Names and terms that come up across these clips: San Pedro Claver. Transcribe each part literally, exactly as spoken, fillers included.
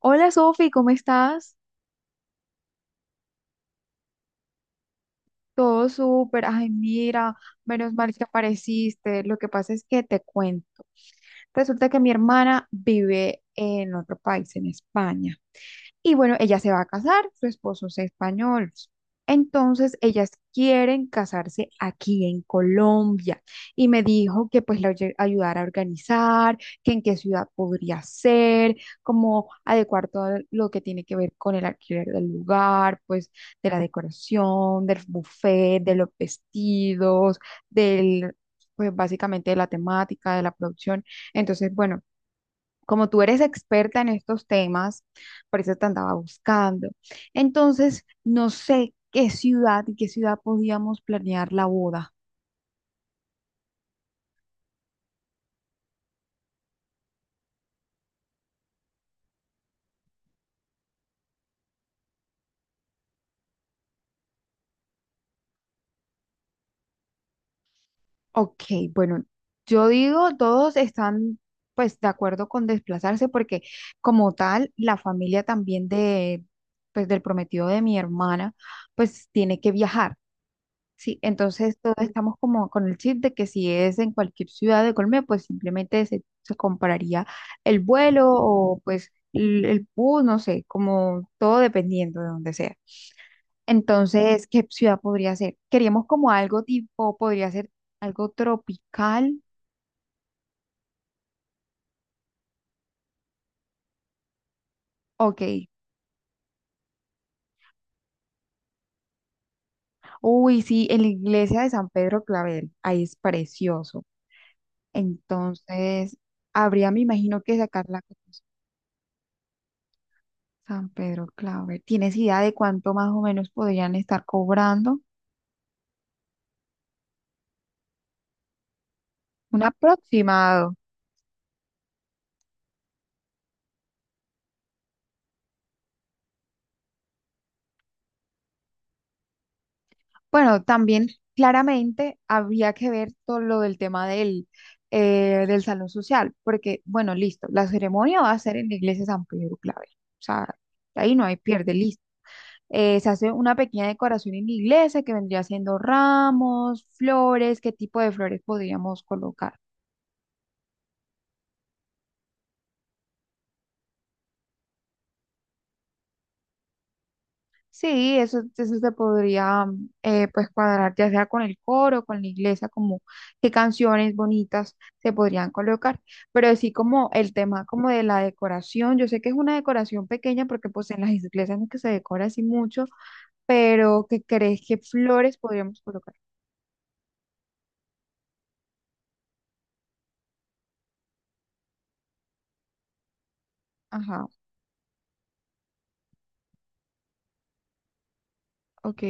Hola Sofi, ¿cómo estás? Todo súper. Ay, mira, menos mal que apareciste. Lo que pasa es que te cuento. Resulta que mi hermana vive en otro país, en España. Y bueno, ella se va a casar, su esposo es español. Entonces, ellas quieren casarse aquí en Colombia. Y me dijo que pues la oye- ayudara a organizar, que en qué ciudad podría ser, como adecuar todo lo que tiene que ver con el alquiler del lugar, pues de la decoración, del buffet, de los vestidos, del, pues básicamente de la temática, de la producción. Entonces, bueno, como tú eres experta en estos temas, por eso te andaba buscando. Entonces, no sé qué ciudad y qué ciudad podíamos planear la boda. Ok, bueno, yo digo, todos están pues de acuerdo con desplazarse porque como tal, la familia también de pues del prometido de mi hermana pues tiene que viajar. Sí, entonces todos estamos como con el chip de que si es en cualquier ciudad de Colombia, pues simplemente se, se compraría el vuelo o pues el, el bus, no sé, como todo dependiendo de donde sea. Entonces, ¿qué ciudad podría ser? Queríamos como algo tipo, podría ser algo tropical. Ok. Uy, sí, en la iglesia de San Pedro Clavel, ahí es precioso. Entonces, habría, me imagino que sacar la cosa. San Pedro Claver. ¿Tienes idea de cuánto más o menos podrían estar cobrando? Un aproximado. Bueno, también claramente habría que ver todo lo del tema del, eh, del salón social, porque, bueno, listo, la ceremonia va a ser en la iglesia San Pedro Claver. O sea, ahí no hay pierde, listo. Eh, se hace una pequeña decoración en la iglesia que vendría siendo ramos, flores. ¿Qué tipo de flores podríamos colocar? Sí, eso, eso se podría eh, pues cuadrar ya sea con el coro, con la iglesia, como qué canciones bonitas se podrían colocar, pero sí como el tema como de la decoración, yo sé que es una decoración pequeña porque pues en las iglesias no es que se decora así mucho, pero ¿qué crees que flores podríamos colocar? Ajá, ok,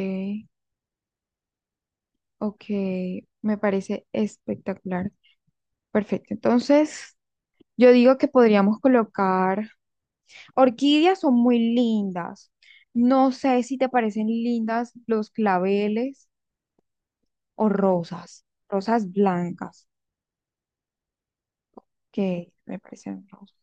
ok, me parece espectacular, perfecto, entonces yo digo que podríamos colocar. Orquídeas son muy lindas. No sé si te parecen lindas los claveles o rosas, rosas blancas, que me parecen rosas.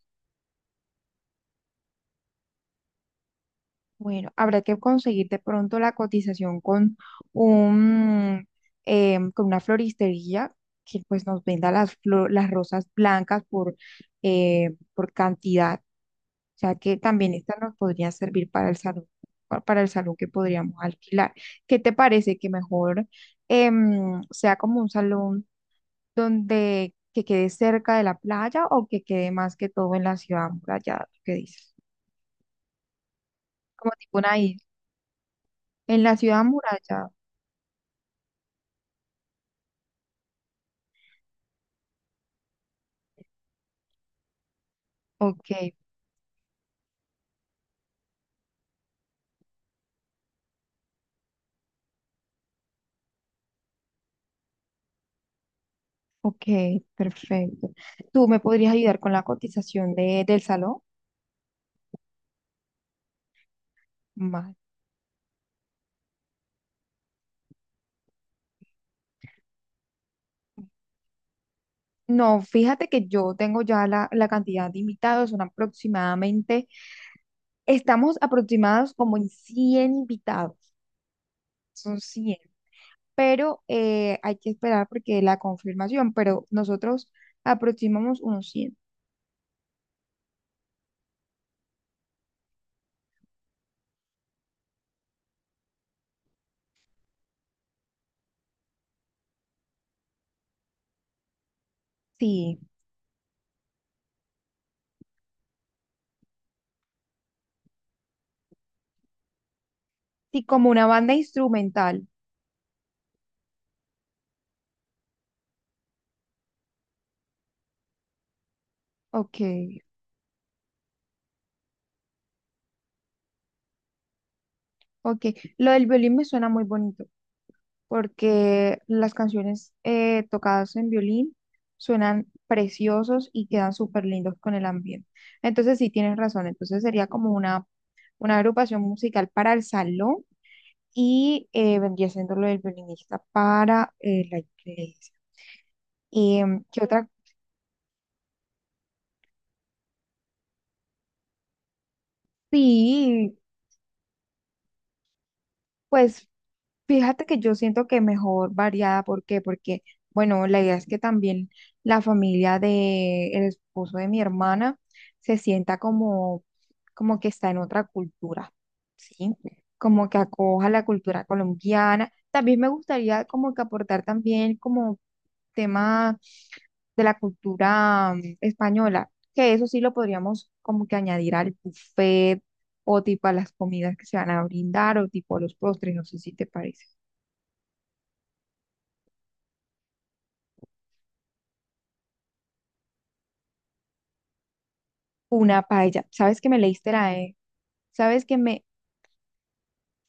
Bueno, habrá que conseguir de pronto la cotización con un, em, con una floristería que pues nos venda las, flo- las rosas blancas por, eh, por cantidad. O sea que también esta nos podría servir para el salón, pa- para el salón que podríamos alquilar. ¿Qué te parece que mejor em, sea como un salón donde que quede cerca de la playa o que quede más que todo en la ciudad amurallada? ¿Tú ¿Qué dices? Como tipo una isla. En la ciudad amurallada. Ok, ok, perfecto. ¿Tú me podrías ayudar con la cotización de, del salón? Vale. No, fíjate que yo tengo ya la, la cantidad de invitados, son aproximadamente. Estamos aproximados como en cien invitados, son cien, pero eh, hay que esperar porque la confirmación, pero nosotros aproximamos unos cien. Sí, sí, como una banda instrumental. Ok, ok. Lo del violín me suena muy bonito porque las canciones eh, tocadas en violín suenan preciosos y quedan súper lindos con el ambiente. Entonces sí, tienes razón, entonces sería como una, una agrupación musical para el salón y eh, vendría siendo lo del violinista para eh, la iglesia. Y em, ¿qué otra? Sí, pues fíjate que yo siento que mejor variada, ¿por qué? Porque, bueno, la idea es que también la familia de el esposo de mi hermana se sienta como, como que está en otra cultura, ¿sí? Como que acoja la cultura colombiana. También me gustaría como que aportar también como tema de la cultura mm, española, que eso sí lo podríamos como que añadir al buffet o tipo a las comidas que se van a brindar o tipo a los postres, no sé si te parece. Una paella, ¿sabes que me leíste la E? ¿Sabes que me...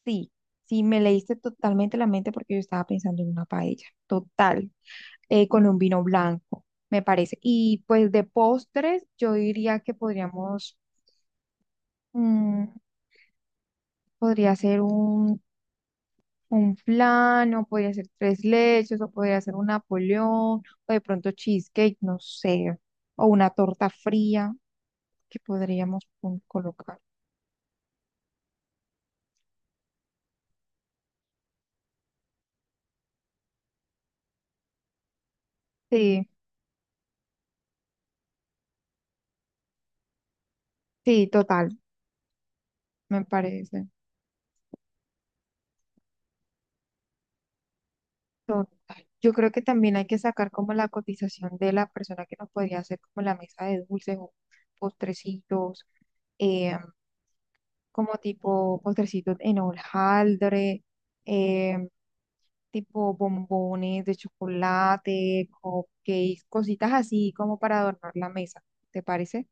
Sí, sí, me leíste totalmente la mente porque yo estaba pensando en una paella, total, eh, con un vino blanco, me parece. Y pues de postres, yo diría que podríamos, mm, podría ser un un flan, o podría ser tres leches, o podría ser un Napoleón, o de pronto cheesecake, no sé, o una torta fría que podríamos pon- colocar. Sí, sí, total, me parece. Total. Yo creo que también hay que sacar como la cotización de la persona que nos podría hacer como la mesa de dulces o postrecitos, eh, como tipo postrecitos en hojaldre, eh, tipo bombones de chocolate, cupcakes, cositas así como para adornar la mesa. ¿Te parece?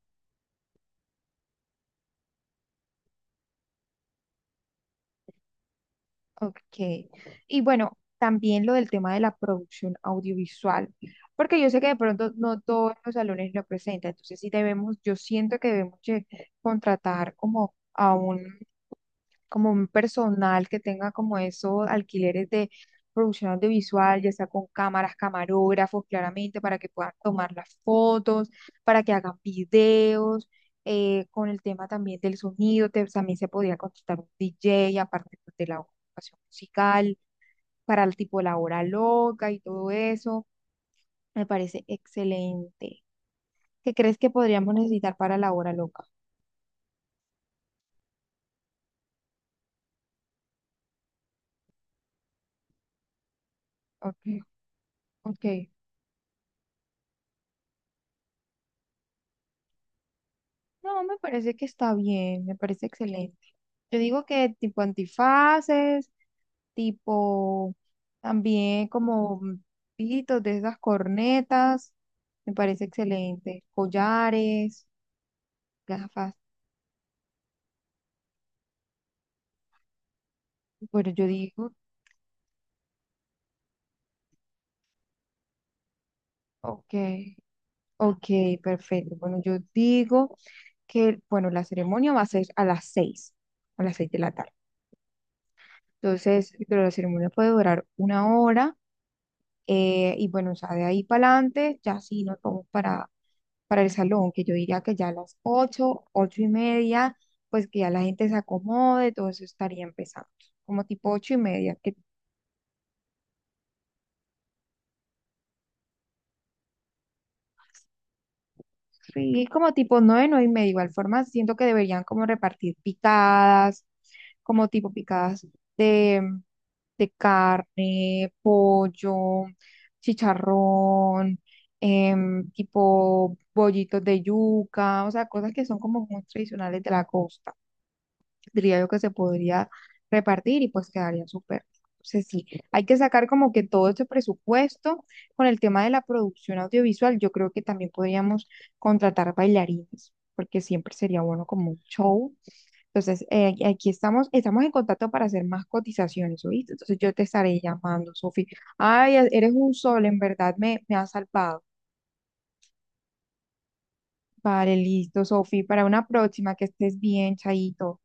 Ok. Y bueno, también lo del tema de la producción audiovisual, porque yo sé que de pronto no todos los salones lo presentan, entonces sí debemos, yo siento que debemos de contratar como a un, como un personal que tenga como esos alquileres de producción audiovisual, ya sea con cámaras, camarógrafos, claramente, para que puedan tomar las fotos, para que hagan videos, eh, con el tema también del sonido, te- también se podría contratar un D J aparte pues, de la educación musical, para el tipo la hora loca y todo eso. Me parece excelente. ¿Qué crees que podríamos necesitar para la hora loca? Ok, ok. No, me parece que está bien, me parece excelente. Yo digo que tipo antifaces, tipo también como pitos de esas cornetas, me parece excelente. Collares, gafas. Bueno, yo digo, ok, ok, perfecto. Bueno, yo digo que, bueno, la ceremonia va a ser a las seis a las seis de la tarde. Entonces, pero la ceremonia puede durar una hora eh, y bueno, o sea, de ahí para adelante ya sí nos vamos para, para el salón, que yo diría que ya a las ocho ocho y media, pues que ya la gente se acomode, todo eso estaría empezando, como tipo ocho y media, que... Sí, como tipo nueve, nueve y media. Igual forma, siento que deberían como repartir picadas, como tipo picadas de, de carne, pollo, chicharrón, em, tipo bollitos de yuca, o sea, cosas que son como muy tradicionales de la costa diría yo que se podría repartir y pues quedaría súper. Entonces sí, hay que sacar como que todo este presupuesto con el tema de la producción audiovisual. Yo creo que también podríamos contratar bailarines, porque siempre sería bueno como un show. Entonces, eh, aquí estamos, estamos en contacto para hacer más cotizaciones, ¿oíste? Entonces yo te estaré llamando, Sofi. Ay, e, eres un sol, en verdad me, me has salvado. Vale, listo, Sofi. Para una próxima, que estés bien, Chaito.